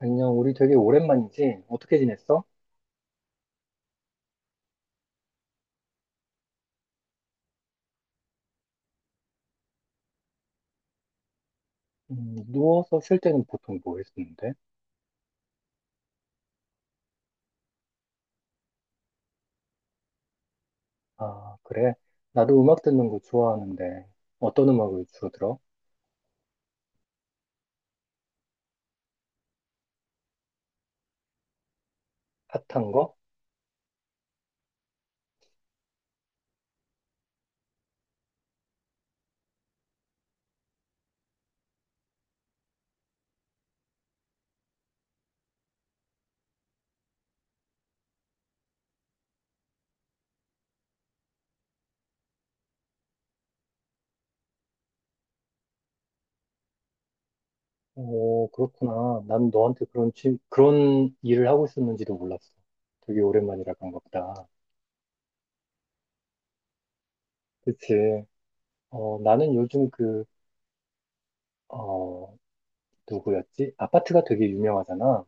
안녕, 우리 되게 오랜만이지? 어떻게 지냈어? 누워서 쉴 때는 보통 뭐 했었는데? 아, 그래? 나도 음악 듣는 거 좋아하는데, 어떤 음악을 주로 들어? 핫한 거? 오, 그렇구나. 난 너한테 그런 일을 하고 있었는지도 몰랐어. 되게 오랜만이라고 한가 보다. 그치? 나는 요즘 그, 어, 누구였지? 아파트가 되게 유명하잖아.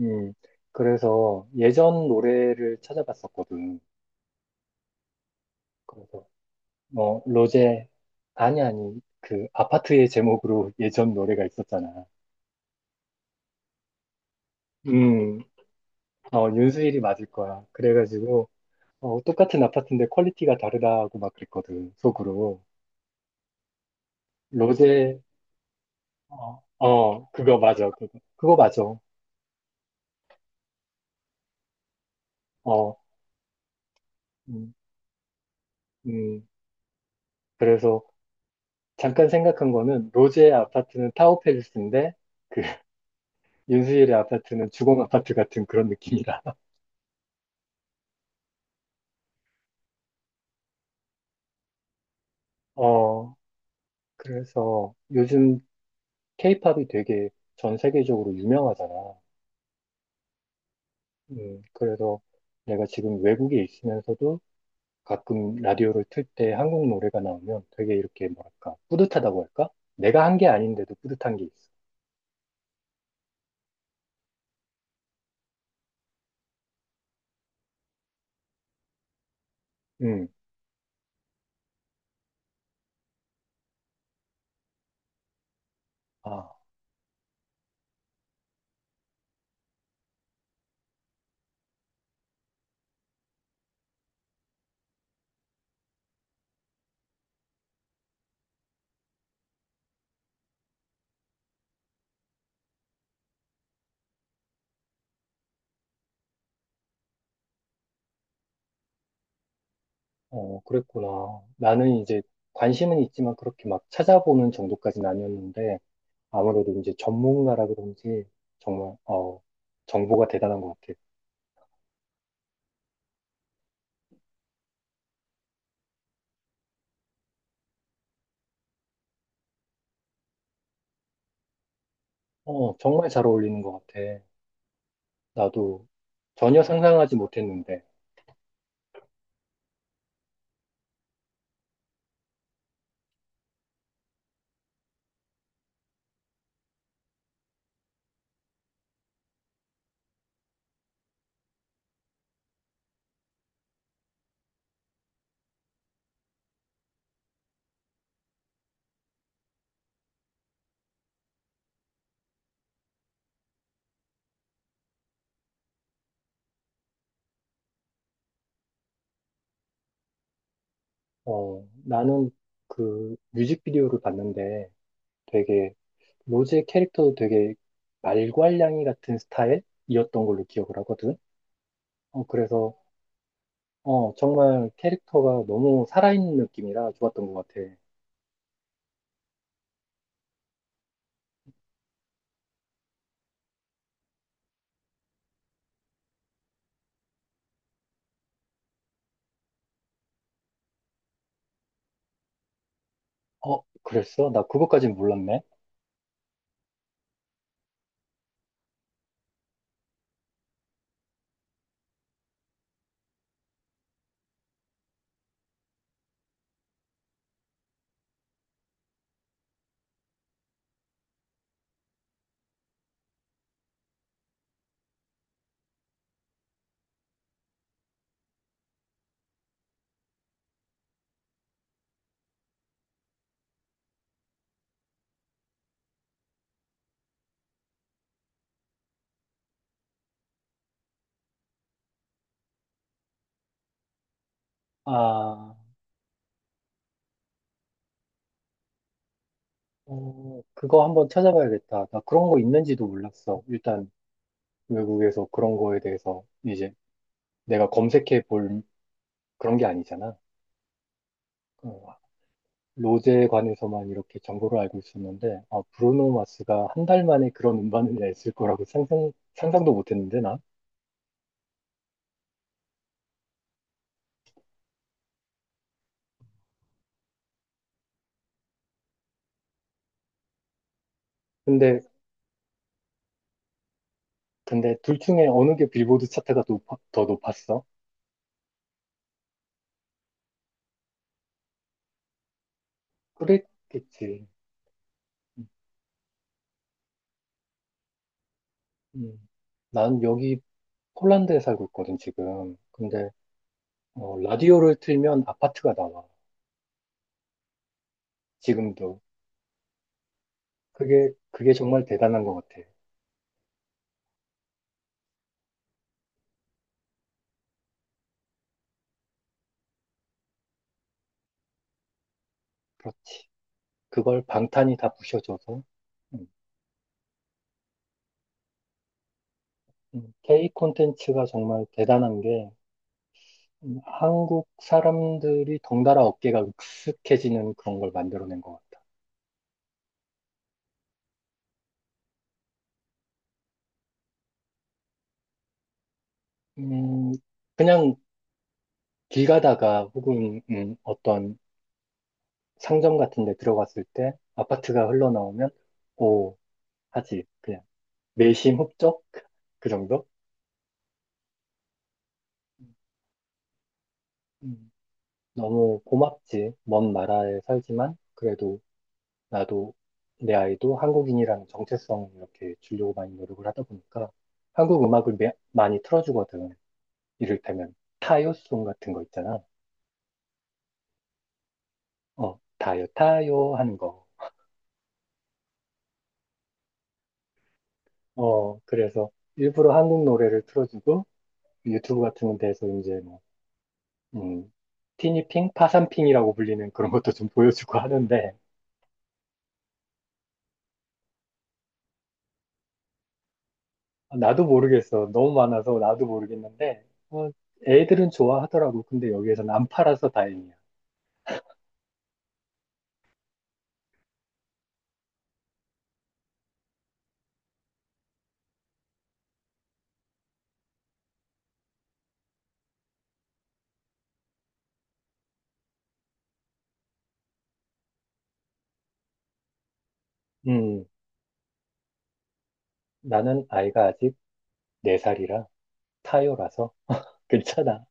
음, 그래서 예전 노래를 찾아봤었거든. 그래서 뭐 로제 아니, 아니, 그 아파트의 제목으로 예전 노래가 있었잖아. 음, 윤수일이 맞을 거야. 그래가지고 똑같은 아파트인데 퀄리티가 다르다고 막 그랬거든 속으로. 로제. 어, 어, 그거 맞아. 그거, 그거 맞아. 어, 음, 음 그래서 잠깐 생각한 거는 로제의 아파트는 타워팰리스인데 그 윤수일의 아파트는 주공 아파트 같은 그런 느낌이라. 어 그래서 요즘 케이팝이 되게 전 세계적으로 유명하잖아. 그래서 내가 지금 외국에 있으면서도 가끔 라디오를 틀 때 한국 노래가 나오면 되게 이렇게 뭐랄까, 뿌듯하다고 할까? 내가 한 게 아닌데도 뿌듯한 게 있어. 음, 아, 어, 그랬구나. 나는 이제 관심은 있지만 그렇게 막 찾아보는 정도까지는 아니었는데 아무래도 이제 전문가라 그런지 정말, 정보가 대단한 것 같아. 어, 정말 잘 어울리는 것 같아. 나도 전혀 상상하지 못했는데. 어, 나는 그 뮤직비디오를 봤는데 되게 로즈의 캐릭터도 되게 말괄량이 같은 스타일이었던 걸로 기억을 하거든. 어, 그래서 어, 정말 캐릭터가 너무 살아있는 느낌이라 좋았던 것 같아. 어, 그랬어? 나 그거까진 몰랐네. 아, 그거 한번 찾아봐야겠다. 나 그런 거 있는지도 몰랐어. 일단 외국에서 그런 거에 대해서 이제 내가 검색해 볼 그런 게 아니잖아. 어, 로제에 관해서만 이렇게 정보를 알고 있었는데, 아, 브루노 마스가 1달 만에 그런 음반을 냈을 거라고 상상도 못 했는데, 나. 근데, 근데 둘 중에 어느 게 빌보드 차트가 더 높았어? 그랬겠지. 음. 음. 난 여기 폴란드에 살고 있거든, 지금. 근데, 라디오를 틀면 아파트가 나와. 지금도. 그게 정말 대단한 것 같아. 그렇지. 그걸 방탄이 다 부셔줘서. 음, K 콘텐츠가 정말 대단한 게, 한국 사람들이 덩달아 어깨가 익숙해지는 그런 걸 만들어낸 것 같다. 음, 그냥 길 가다가 혹은 어떤 상점 같은 데 들어갔을 때 아파트가 흘러나오면 오 하지. 그냥 내심 흡족? 그 정도? 음, 너무 고맙지. 먼 나라에 살지만 그래도 나도 내 아이도 한국인이라는 정체성을 이렇게 주려고 많이 노력을 하다 보니까 한국 음악을 많이 틀어주거든. 이를테면 타요송 같은 거 있잖아. 어, 타요, 타요 하는 거. 어, 그래서 일부러 한국 노래를 틀어주고 유튜브 같은 데서 이제 뭐, 음, 티니핑, 파산핑이라고 불리는 그런 것도 좀 보여주고 하는데 나도 모르겠어. 너무 많아서 나도 모르겠는데 어, 애들은 좋아하더라고. 근데 여기에서는 안 팔아서 다행이야. 음, 나는 아이가 아직 4살이라 타요라서 괜찮아.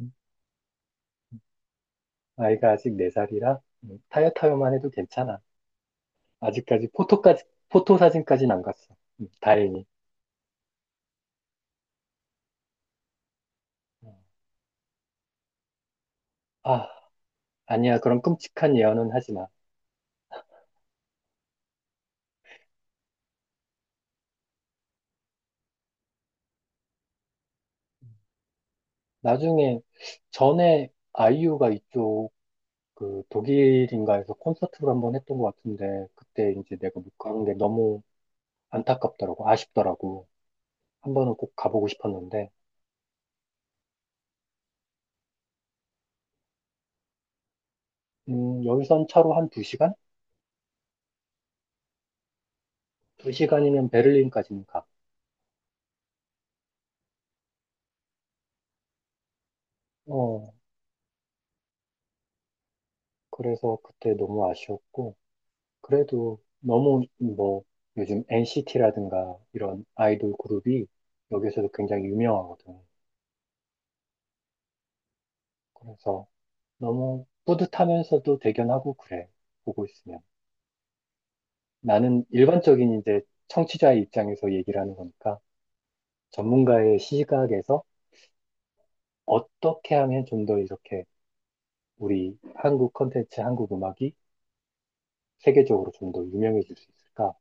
음, 아이가 아직 4살이라 타요 타요만 해도 괜찮아. 아직까지 포토 사진까지는 안 갔어. 다행히. 어. 아, 아니야. 그런 끔찍한 예언은 하지 마. 나중에, 전에 아이유가 이쪽, 그, 독일인가에서 콘서트를 한번 했던 것 같은데, 그때 이제 내가 못 간 게 너무 안타깝더라고. 아쉽더라고. 한 번은 꼭 가보고 싶었는데, 열선 차로 한 두시간두시간이면 베를린까지는 가. 어, 그래서 그때 너무 아쉬웠고, 그래도 너무 뭐 요즘 NCT라든가 이런 아이돌 그룹이 여기서도 굉장히 유명하거든. 그래서 너무 뿌듯하면서도 대견하고 그래. 보고 있으면. 나는 일반적인 이제 청취자의 입장에서 얘기를 하는 거니까 전문가의 시각에서 어떻게 하면 좀 더 이렇게 우리 한국 콘텐츠, 한국 음악이 세계적으로 좀 더 유명해질 수 있을까?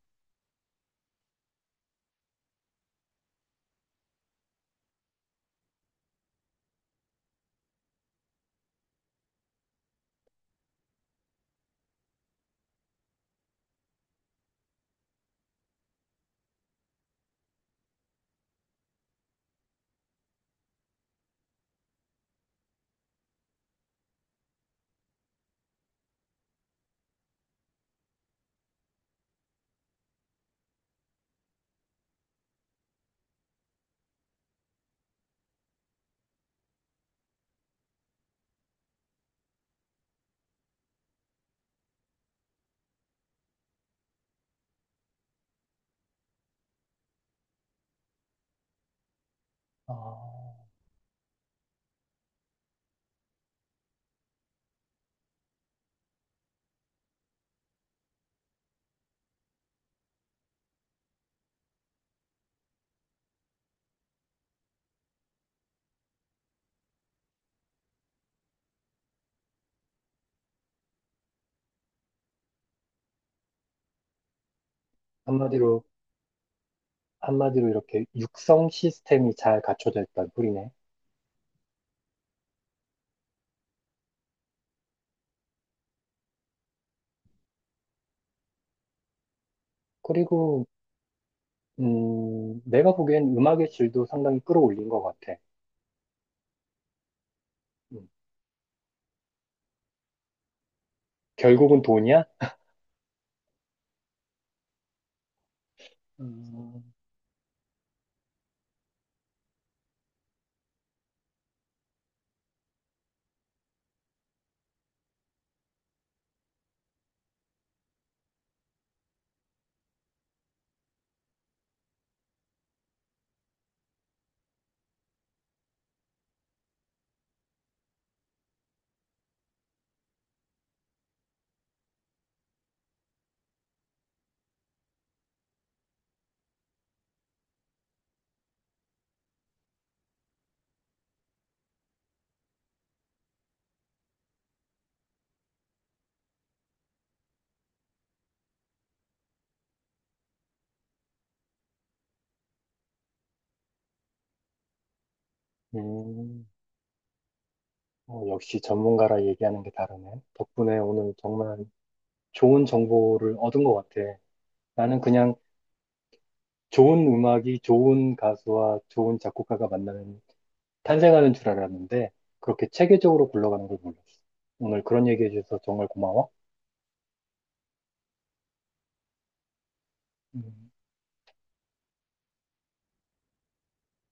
어, 한마디로, 한마디로 이렇게 육성 시스템이 잘 갖춰져 있다는 소리네. 그리고, 내가 보기엔 음악의 질도 상당히 끌어올린 것 같아. 음, 결국은 돈이야? 음, 음, 어, 역시 전문가라 얘기하는 게 다르네. 덕분에 오늘 정말 좋은 정보를 얻은 것 같아. 나는 그냥 좋은 음악이 좋은 가수와 좋은 작곡가가 탄생하는 줄 알았는데, 그렇게 체계적으로 굴러가는 걸 몰랐어. 오늘 그런 얘기해 주셔서 정말 고마워. 음.